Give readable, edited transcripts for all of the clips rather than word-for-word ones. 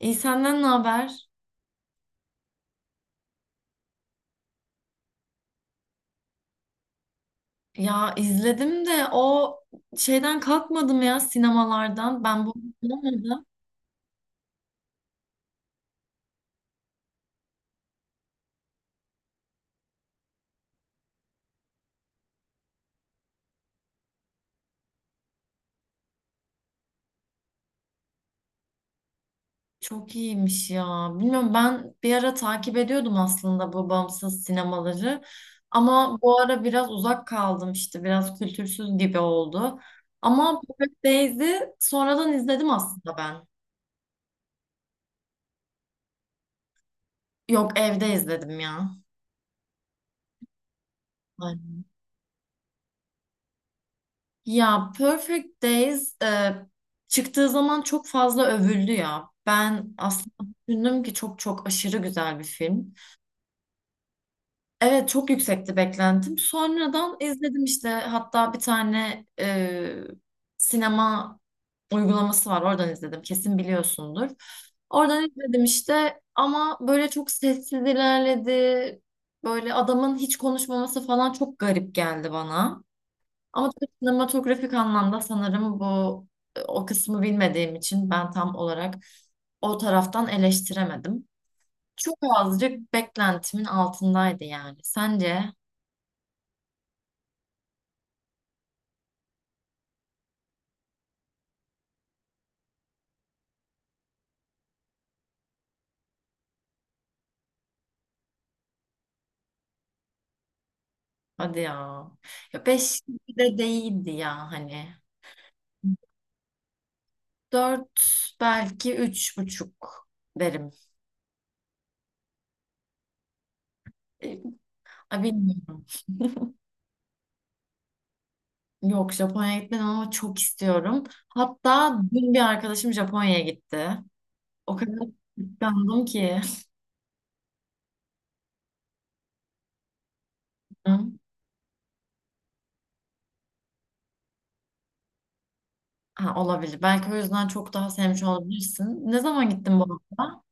İyi senden ne haber? Ya izledim de o şeyden kalkmadım ya sinemalardan. Ben bu bulamadım. Çok iyiymiş ya. Bilmiyorum ben bir ara takip ediyordum aslında bu bağımsız sinemaları. Ama bu ara biraz uzak kaldım işte biraz kültürsüz gibi oldu. Ama Perfect Days'i sonradan izledim aslında ben. Yok evde izledim ya. Ya Perfect Days çıktığı zaman çok fazla övüldü ya. Ben aslında düşündüm ki çok çok aşırı güzel bir film. Evet çok yüksekti beklentim. Sonradan izledim işte hatta bir tane sinema uygulaması var oradan izledim kesin biliyorsundur. Oradan izledim işte ama böyle çok sessiz ilerledi. Böyle adamın hiç konuşmaması falan çok garip geldi bana. Ama tabii sinematografik anlamda sanırım bu o kısmı bilmediğim için ben tam olarak o taraftan eleştiremedim. Çok azıcık beklentimin altındaydı yani. Sence? Hadi ya. Ya 5 gibi de değildi ya hani. 4 belki 3,5 derim. E, Ay bilmiyorum. Yok Japonya'ya gitmedim ama çok istiyorum. Hatta dün bir arkadaşım Japonya'ya gitti. O kadar kıskandım ki. Ha, olabilir. Belki o yüzden çok daha sevmiş olabilirsin. Ne zaman gittin bu hafta?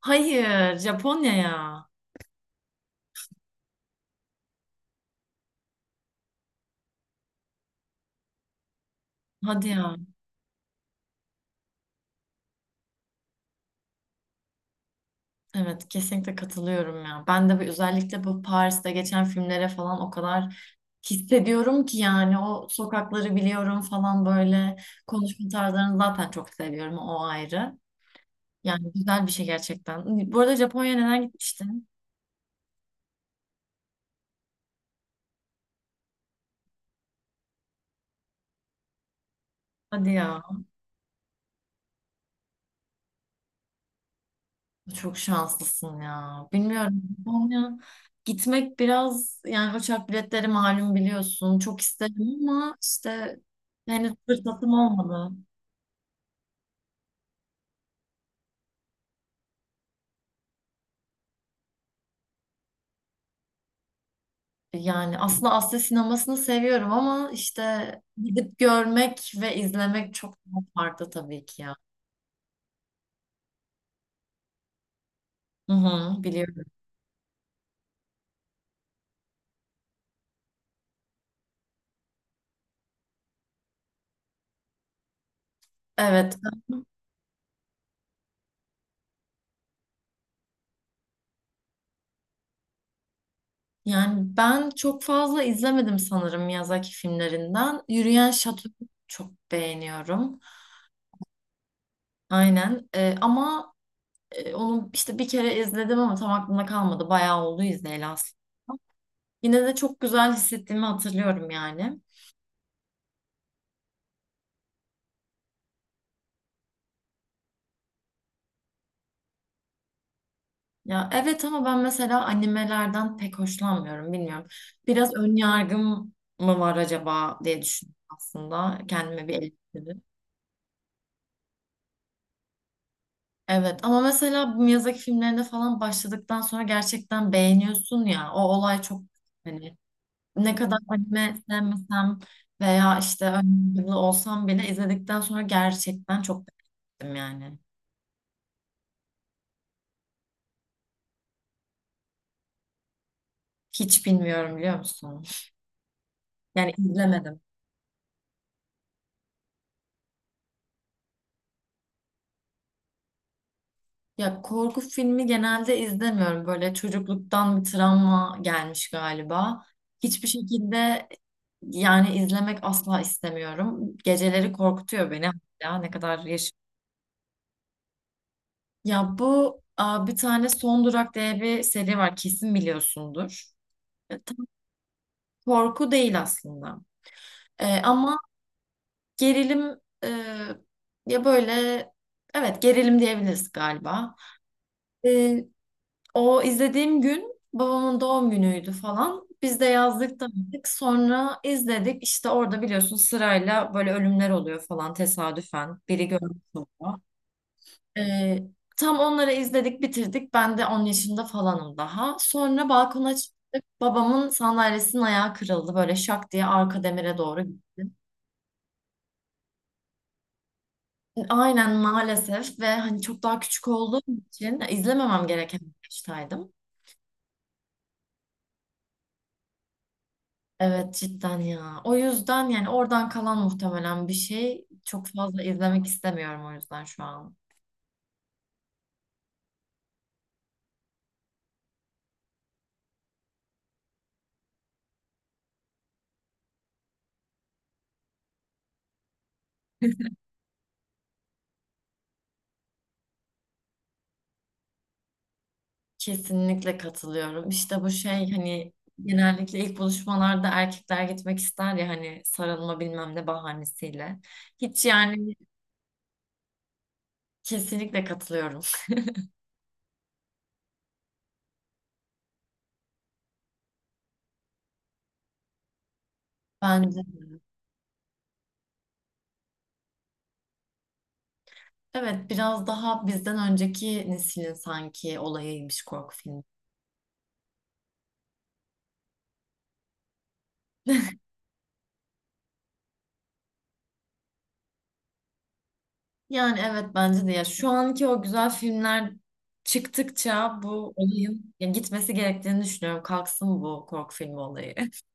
Hayır, Japonya'ya. Hadi ya. Evet, kesinlikle katılıyorum ya. Ben de bu, özellikle bu Paris'te geçen filmlere falan o kadar hissediyorum ki yani o sokakları biliyorum falan böyle konuşma tarzlarını zaten çok seviyorum o ayrı. Yani güzel bir şey gerçekten. Bu arada Japonya'ya neden gitmiştin? Hadi ya. Çok şanslısın ya. Bilmiyorum. Japonya gitmek biraz yani uçak biletleri malum biliyorsun. Çok isterim ama işte henüz fırsatım olmadı. Yani aslında Asya sinemasını seviyorum ama işte gidip görmek ve izlemek çok daha farklı tabii ki ya. Hı hı, biliyorum. Evet. Yani ben çok fazla izlemedim sanırım Miyazaki filmlerinden. Yürüyen Şato'yu çok beğeniyorum. Aynen. Ama onu işte bir kere izledim ama tam aklımda kalmadı. Bayağı oldu izleyeli aslında. Yine de çok güzel hissettiğimi hatırlıyorum yani. Ya evet ama ben mesela animelerden pek hoşlanmıyorum bilmiyorum. Biraz ön yargım mı var acaba diye düşündüm aslında. Kendime bir eleştiri. Evet ama mesela bu Miyazaki filmlerinde falan başladıktan sonra gerçekten beğeniyorsun ya. O olay çok hani ne kadar anime sevmesem veya işte önyargılı olsam bile izledikten sonra gerçekten çok beğendim yani. Hiç bilmiyorum biliyor musun? Yani izlemedim. Ya korku filmi genelde izlemiyorum. Böyle çocukluktan bir travma gelmiş galiba. Hiçbir şekilde yani izlemek asla istemiyorum. Geceleri korkutuyor beni hala ne kadar yaşım. Ya bu aa, bir tane Son Durak diye bir seri var kesin biliyorsundur. Tam korku değil aslında. Ama gerilim e, ya böyle evet gerilim diyebiliriz galiba. E, o izlediğim gün babamın doğum günüydü falan. Biz de yazdık tanıdık. Sonra izledik. İşte orada biliyorsun sırayla böyle ölümler oluyor falan tesadüfen. Biri görmüş oluyor. E, tam onları izledik bitirdik. Ben de 10 yaşında falanım daha. Sonra balkona çıktık. Babamın sandalyesinin ayağı kırıldı. Böyle şak diye arka demire doğru aynen maalesef ve hani çok daha küçük olduğum için izlememem gereken bir yaştaydım. Evet cidden ya. O yüzden yani oradan kalan muhtemelen bir şey. Çok fazla izlemek istemiyorum o yüzden şu an. Kesinlikle katılıyorum. İşte bu şey hani genellikle ilk buluşmalarda erkekler gitmek ister ya hani sarılma bilmem ne bahanesiyle. Hiç yani kesinlikle katılıyorum. Bence de. Evet biraz daha bizden önceki neslin sanki olayıymış korku filmi. Yani evet bence de ya şu anki o güzel filmler çıktıkça bu olayın ya gitmesi gerektiğini düşünüyorum. Kalksın bu korku filmi olayı.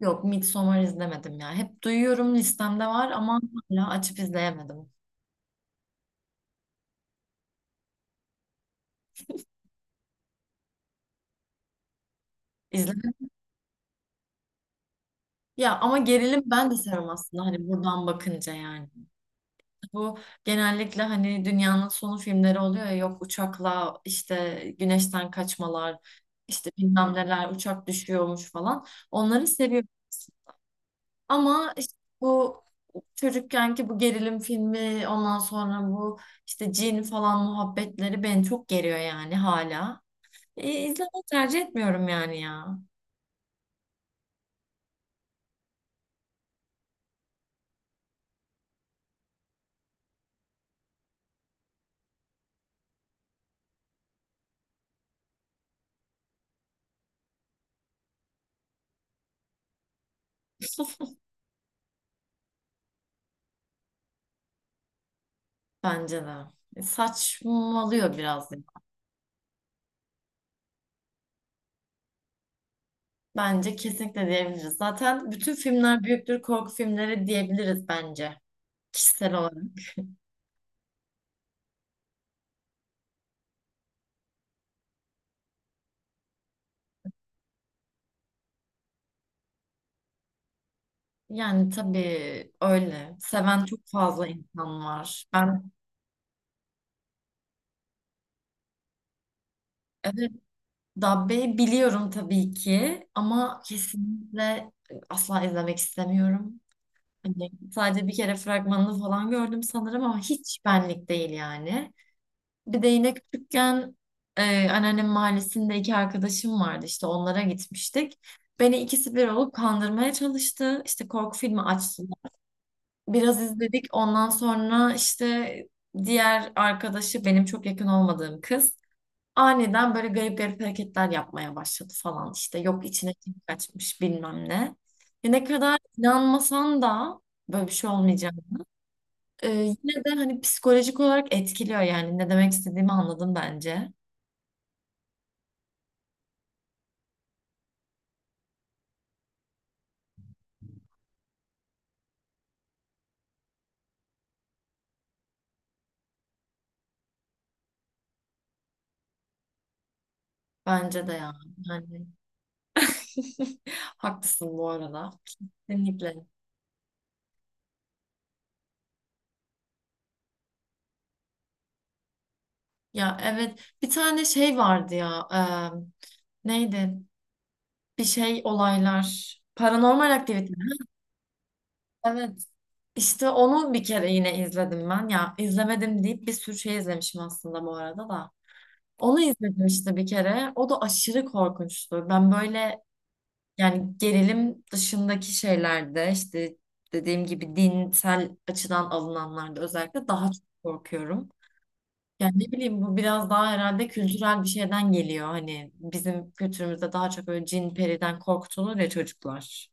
Yok Midsommar izlemedim ya. Hep duyuyorum listemde var ama hala açıp izleyemedim. İzlemedim. Ya ama gerilim ben de seviyorum aslında hani buradan bakınca yani. Bu genellikle hani dünyanın sonu filmleri oluyor ya yok uçakla işte güneşten kaçmalar işte bilmem neler uçak düşüyormuş falan. Onları seviyorum. Ama işte bu çocukkenki bu gerilim filmi ondan sonra bu işte cin falan muhabbetleri beni çok geriyor yani hala. İzlemeyi tercih etmiyorum yani ya. Bence de. E, saçmalıyor biraz. Bence kesinlikle diyebiliriz. Zaten bütün filmler büyüktür korku filmleri diyebiliriz bence. Kişisel olarak. Yani tabii öyle. Seven çok fazla insan var. Ben evet Dabbe'yi biliyorum tabii ki ama kesinlikle asla izlemek istemiyorum. Hani sadece bir kere fragmanını falan gördüm sanırım ama hiç benlik değil yani. Bir de yine küçükken anneannem mahallesinde iki arkadaşım vardı işte onlara gitmiştik. Beni ikisi bir olup kandırmaya çalıştı. İşte korku filmi açtılar. Biraz izledik ondan sonra işte diğer arkadaşı benim çok yakın olmadığım kız. Aniden böyle garip garip hareketler yapmaya başladı falan işte. Yok içine kim kaçmış bilmem ne. Ya ne kadar inanmasan da böyle bir şey olmayacak. Ee, yine de hani psikolojik olarak etkiliyor yani. Ne demek istediğimi anladın bence. Bence de ya. Yani haklısın bu arada. Kesinlikle. Ya evet bir tane şey vardı ya. Neydi? Bir şey olaylar. Paranormal aktivite. Evet. İşte onu bir kere yine izledim ben. Ya izlemedim deyip bir sürü şey izlemişim aslında bu arada da. Onu izledim işte bir kere. O da aşırı korkunçtu. Ben böyle yani gerilim dışındaki şeylerde işte dediğim gibi dinsel açıdan alınanlarda özellikle daha çok korkuyorum. Yani ne bileyim bu biraz daha herhalde kültürel bir şeyden geliyor. Hani bizim kültürümüzde daha çok böyle cin periden korkutulur ya çocuklar.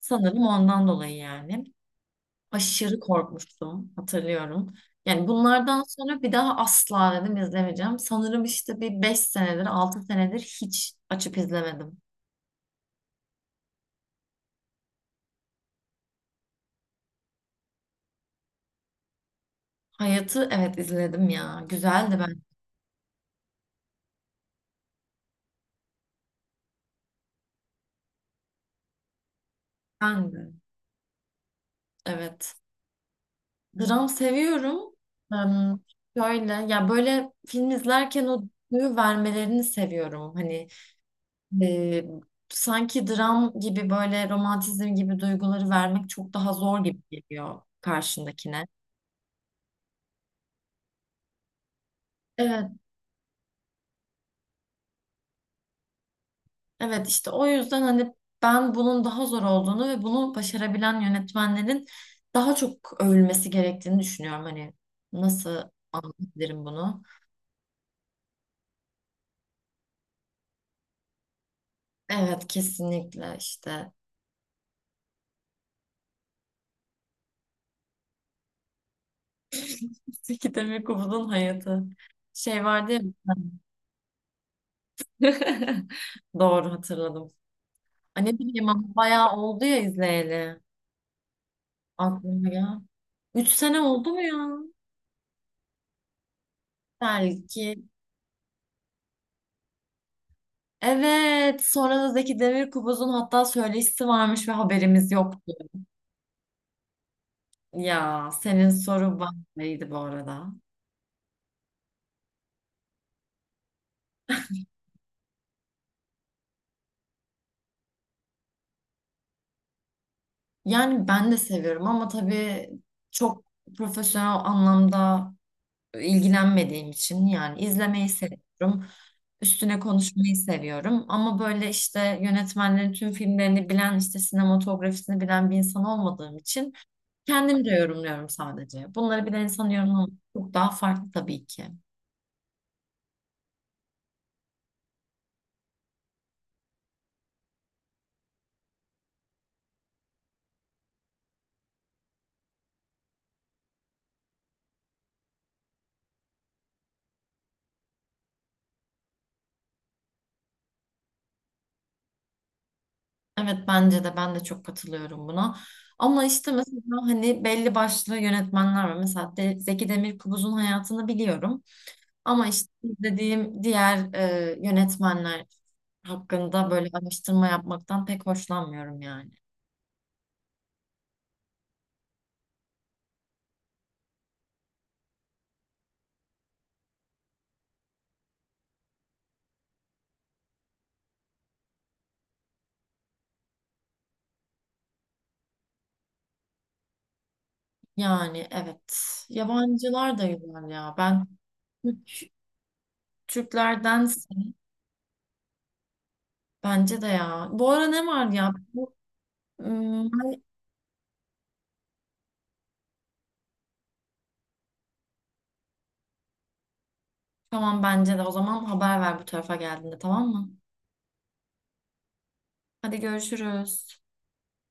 Sanırım ondan dolayı yani. Aşırı korkmuştum hatırlıyorum. Yani bunlardan sonra bir daha asla dedim izlemeyeceğim. Sanırım işte bir 5 senedir 6 senedir hiç açıp izlemedim. Hayat'ı evet izledim ya. Güzeldi ben. Ben de. Evet. Dram seviyorum. Em, şöyle ya böyle film izlerken o duyu vermelerini seviyorum. Hani e, sanki dram gibi böyle romantizm gibi duyguları vermek çok daha zor gibi geliyor karşındakine. Evet, evet işte o yüzden hani ben bunun daha zor olduğunu ve bunu başarabilen yönetmenlerin daha çok övülmesi gerektiğini düşünüyorum. Hani nasıl anlatabilirim bunu? Evet kesinlikle işte Zeki Demirkubuz'un hayatı şey vardı ya doğru hatırladım. Ay ne bileyim ama bayağı oldu ya izleyeli aklıma ya. 3 sene oldu mu ya? Belki. Evet sonra da Zeki Demirkubuz'un hatta söyleşisi varmış ve haberimiz yoktu. Ya senin soru bambaşkaydı bu arada. Yani ben de seviyorum ama tabii çok profesyonel anlamda ilgilenmediğim için yani izlemeyi seviyorum. Üstüne konuşmayı seviyorum ama böyle işte yönetmenlerin tüm filmlerini bilen işte sinematografisini bilen bir insan olmadığım için kendimce yorumluyorum sadece. Bunları bilen insan yorumlaması çok daha farklı tabii ki. Evet bence de ben de çok katılıyorum buna. Ama işte mesela hani belli başlı yönetmenler var. Mesela de, Zeki Demirkubuz'un hayatını biliyorum. Ama işte izlediğim diğer yönetmenler hakkında böyle araştırma yapmaktan pek hoşlanmıyorum yani. Yani evet. Yabancılar da güzel ya. Ben Türk- Türklerdense bence de ya. Bu ara ne var ya? Im, tamam bence de. O zaman haber ver bu tarafa geldiğinde tamam mı? Hadi görüşürüz.